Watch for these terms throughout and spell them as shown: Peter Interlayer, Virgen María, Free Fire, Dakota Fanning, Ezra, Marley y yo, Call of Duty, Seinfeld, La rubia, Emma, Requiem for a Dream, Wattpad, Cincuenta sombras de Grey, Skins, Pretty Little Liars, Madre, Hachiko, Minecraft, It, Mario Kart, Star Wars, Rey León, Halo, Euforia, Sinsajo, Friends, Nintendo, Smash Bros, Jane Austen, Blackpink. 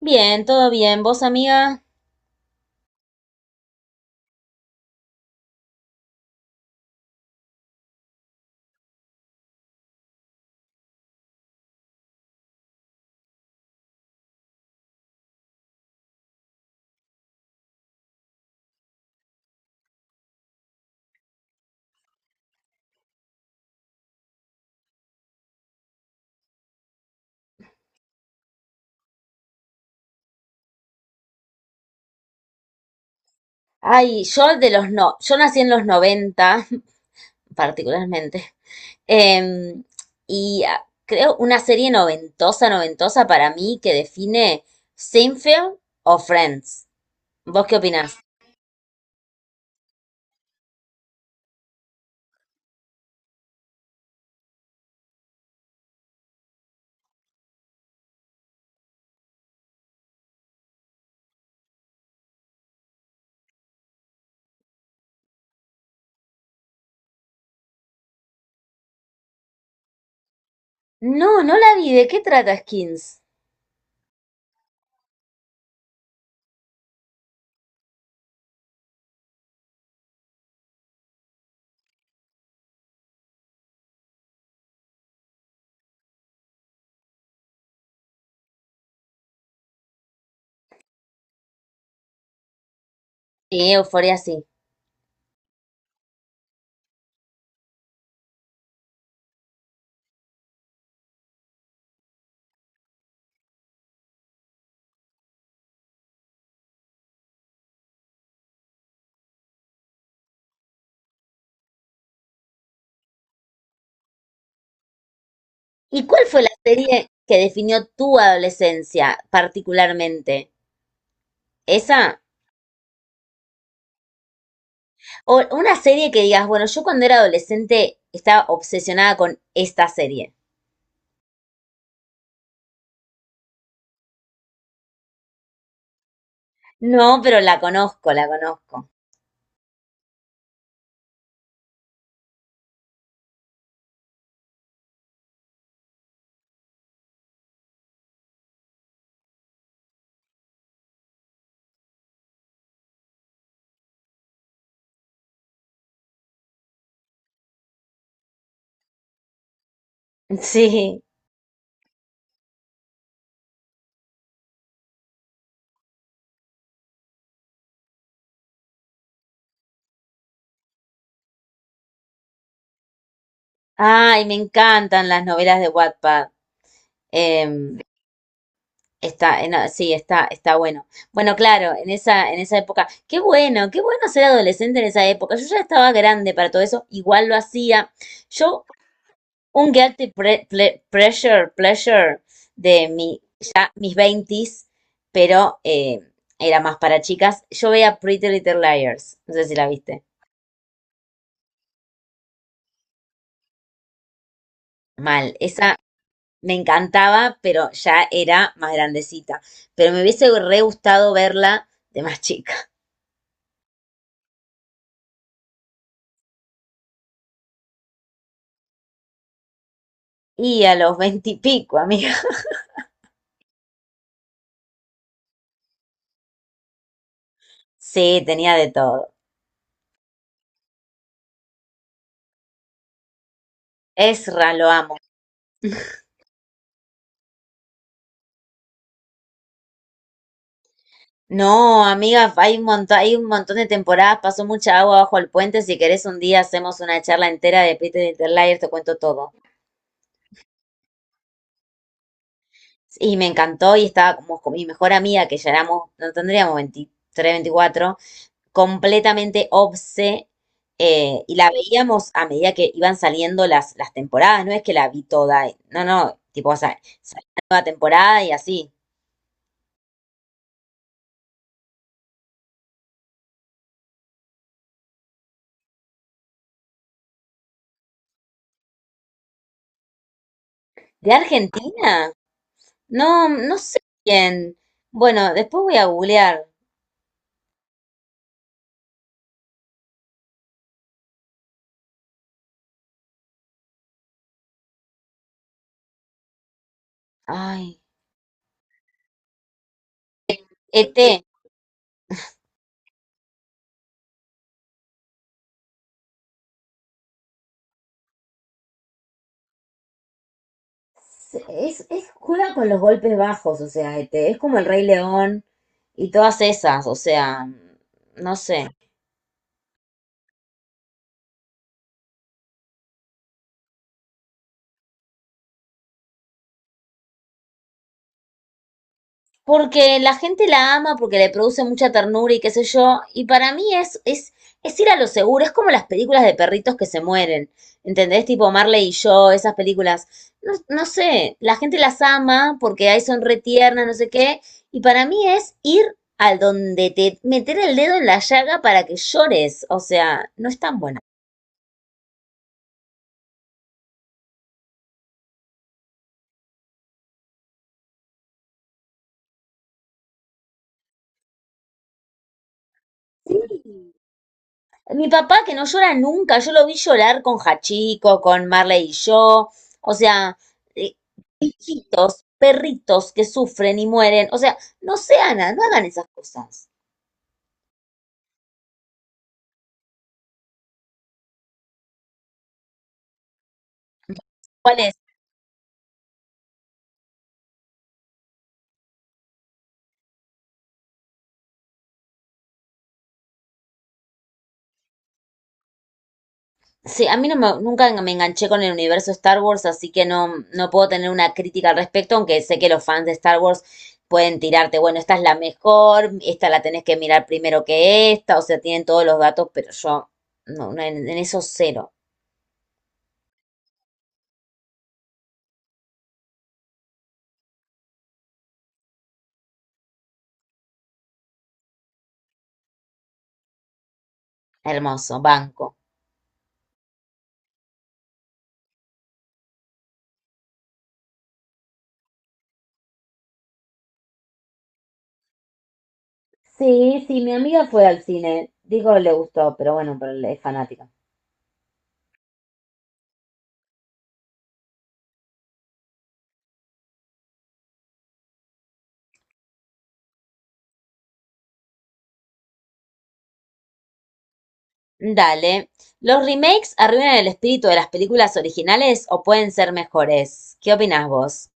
Bien, todo bien. ¿Vos, amiga? Ay, yo de los no, yo nací en los 90, particularmente. Em, creo una serie noventosa, noventosa para mí que define Seinfeld o Friends. ¿Vos qué opinás? No, no la vi. ¿De qué trata Skins? Sí, Euforia sí. ¿Y cuál fue la serie que definió tu adolescencia particularmente? ¿Esa? O una serie que digas, bueno, yo cuando era adolescente estaba obsesionada con esta serie. No, pero la conozco, la conozco. Sí. Ay, me encantan las novelas de Wattpad. Em, no, sí, está bueno. Bueno, claro, en esa época. Qué bueno ser adolescente en esa época. Yo ya estaba grande para todo eso, igual lo hacía. Yo, un guilty pleasure de mi, ya mis veintis, pero era más para chicas. Yo veía Pretty Little Liars. No sé si la viste. Mal. Esa me encantaba, pero ya era más grandecita. Pero me hubiese re gustado verla de más chica. Y a los veintipico, amiga. Sí, tenía de todo. Ezra, lo amo. No, amiga, hay un montón de temporadas, pasó mucha agua bajo el puente. Si querés un día hacemos una charla entera de Peter Interlayer, te cuento todo. Y me encantó y estaba como con mi mejor amiga, que ya éramos, no tendríamos 23 24 completamente obse y la veíamos a medida que iban saliendo las temporadas, no es que la vi toda, no, tipo, o sea, salió la nueva temporada y así. ¿De Argentina? No, no sé quién. Bueno, después voy a googlear. Ay, ET. Es, juega con los golpes bajos, o sea, este, es como el Rey León. Y todas esas, o sea, no sé. Porque la gente la ama, porque le produce mucha ternura y qué sé yo. Y para mí es ir a lo seguro. Es como las películas de perritos que se mueren. ¿Entendés? Tipo Marley y yo, esas películas. No, no sé, la gente las ama porque ahí son re tiernas, no sé qué. Y para mí es ir al donde te meter el dedo en la llaga para que llores. O sea, no es tan buena. Sí, mi papá que no llora nunca, yo lo vi llorar con Hachiko, con Marley y yo, o sea, eh, hijitos, perritos que sufren y mueren, o sea, no sean, no hagan esas cosas. ¿Cuál es? Sí, a mí no me- nunca me enganché con el universo Star Wars, así que no, no puedo tener una crítica al respecto, aunque sé que los fans de Star Wars pueden tirarte, bueno, esta es la mejor, esta la tenés que mirar primero que esta, o sea, tienen todos los datos, pero yo, no, no, en eso cero. Hermoso, banco. Sí, sí, mi amiga fue al cine. Digo, le gustó, pero bueno, pero es fanática. Dale. ¿Los remakes arruinan el espíritu de las películas originales o pueden ser mejores? ¿Qué opinás vos?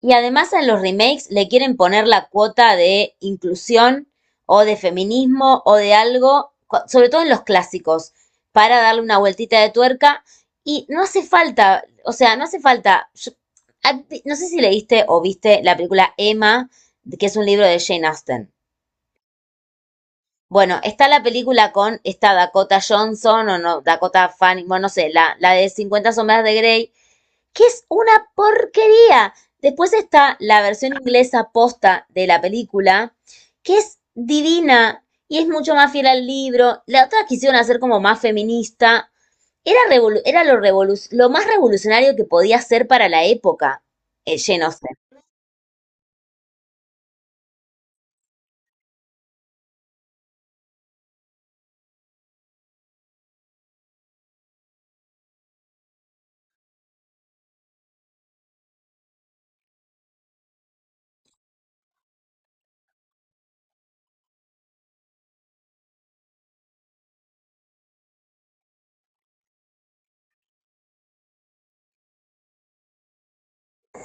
Y además a los remakes le quieren poner la cuota de inclusión o de feminismo o de algo, sobre todo en los clásicos, para darle una vueltita de tuerca. Y no hace falta, o sea, no hace falta. Yo- no sé si leíste o viste la película Emma, que es un libro de Jane Austen. Bueno, está la película con esta Dakota Johnson o no, Dakota Fanning, bueno, no sé, la de Cincuenta sombras de Grey, que es una porquería. Después está la versión inglesa posta de la película, que es divina y es mucho más fiel al libro. La otra quisieron hacer como más feminista. Era, revolu- era lo, revolu- lo más revolucionario que podía ser para la época, Jane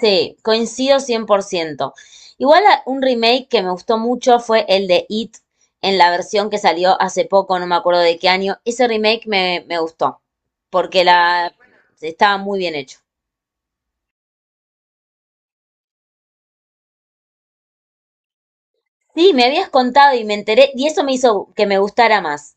sí, coincido 100%. Igual a- un remake que me gustó mucho fue el de It en la versión que salió hace poco, no me acuerdo de qué año. Ese remake me gustó porque la estaba muy bien hecho. Sí, me habías contado y me enteré y eso me hizo que me gustara más.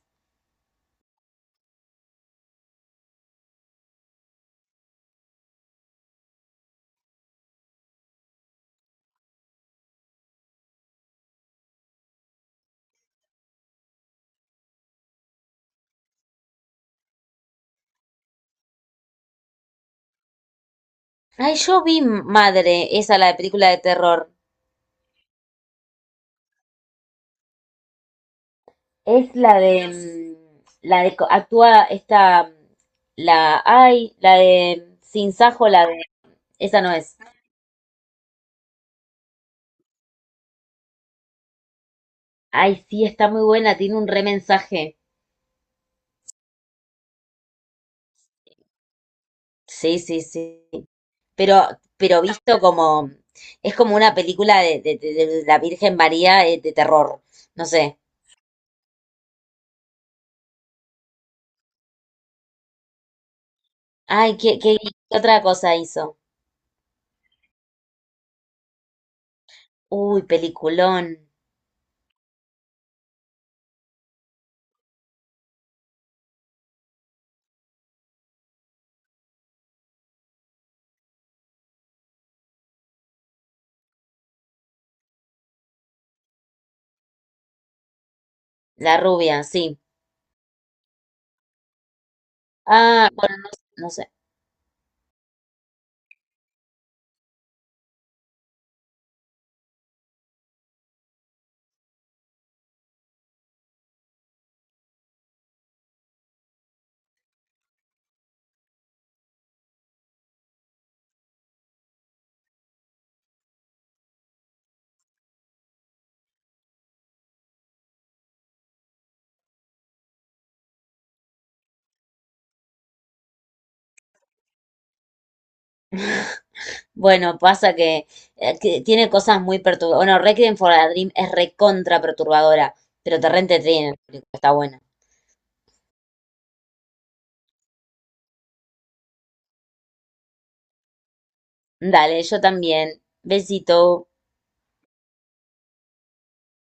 Ay, yo vi Madre, esa la de película de terror. Es la de la de co- actúa esta la ay, la de Sinsajo, la de esa no es. Ay, sí, está muy buena, tiene un re mensaje. Sí, sí, sí. Pero, pero visto como, es como una película de la Virgen María de terror. No sé. Ay, ¿qué, qué, qué otra cosa hizo? Uy, peliculón. La rubia, sí. Ah, bueno, no sé. Bueno, pasa que tiene cosas muy perturbadoras. Bueno, Requiem for a Dream es recontra perturbadora, pero te rente tiene, está buena. Dale, yo también. Besito.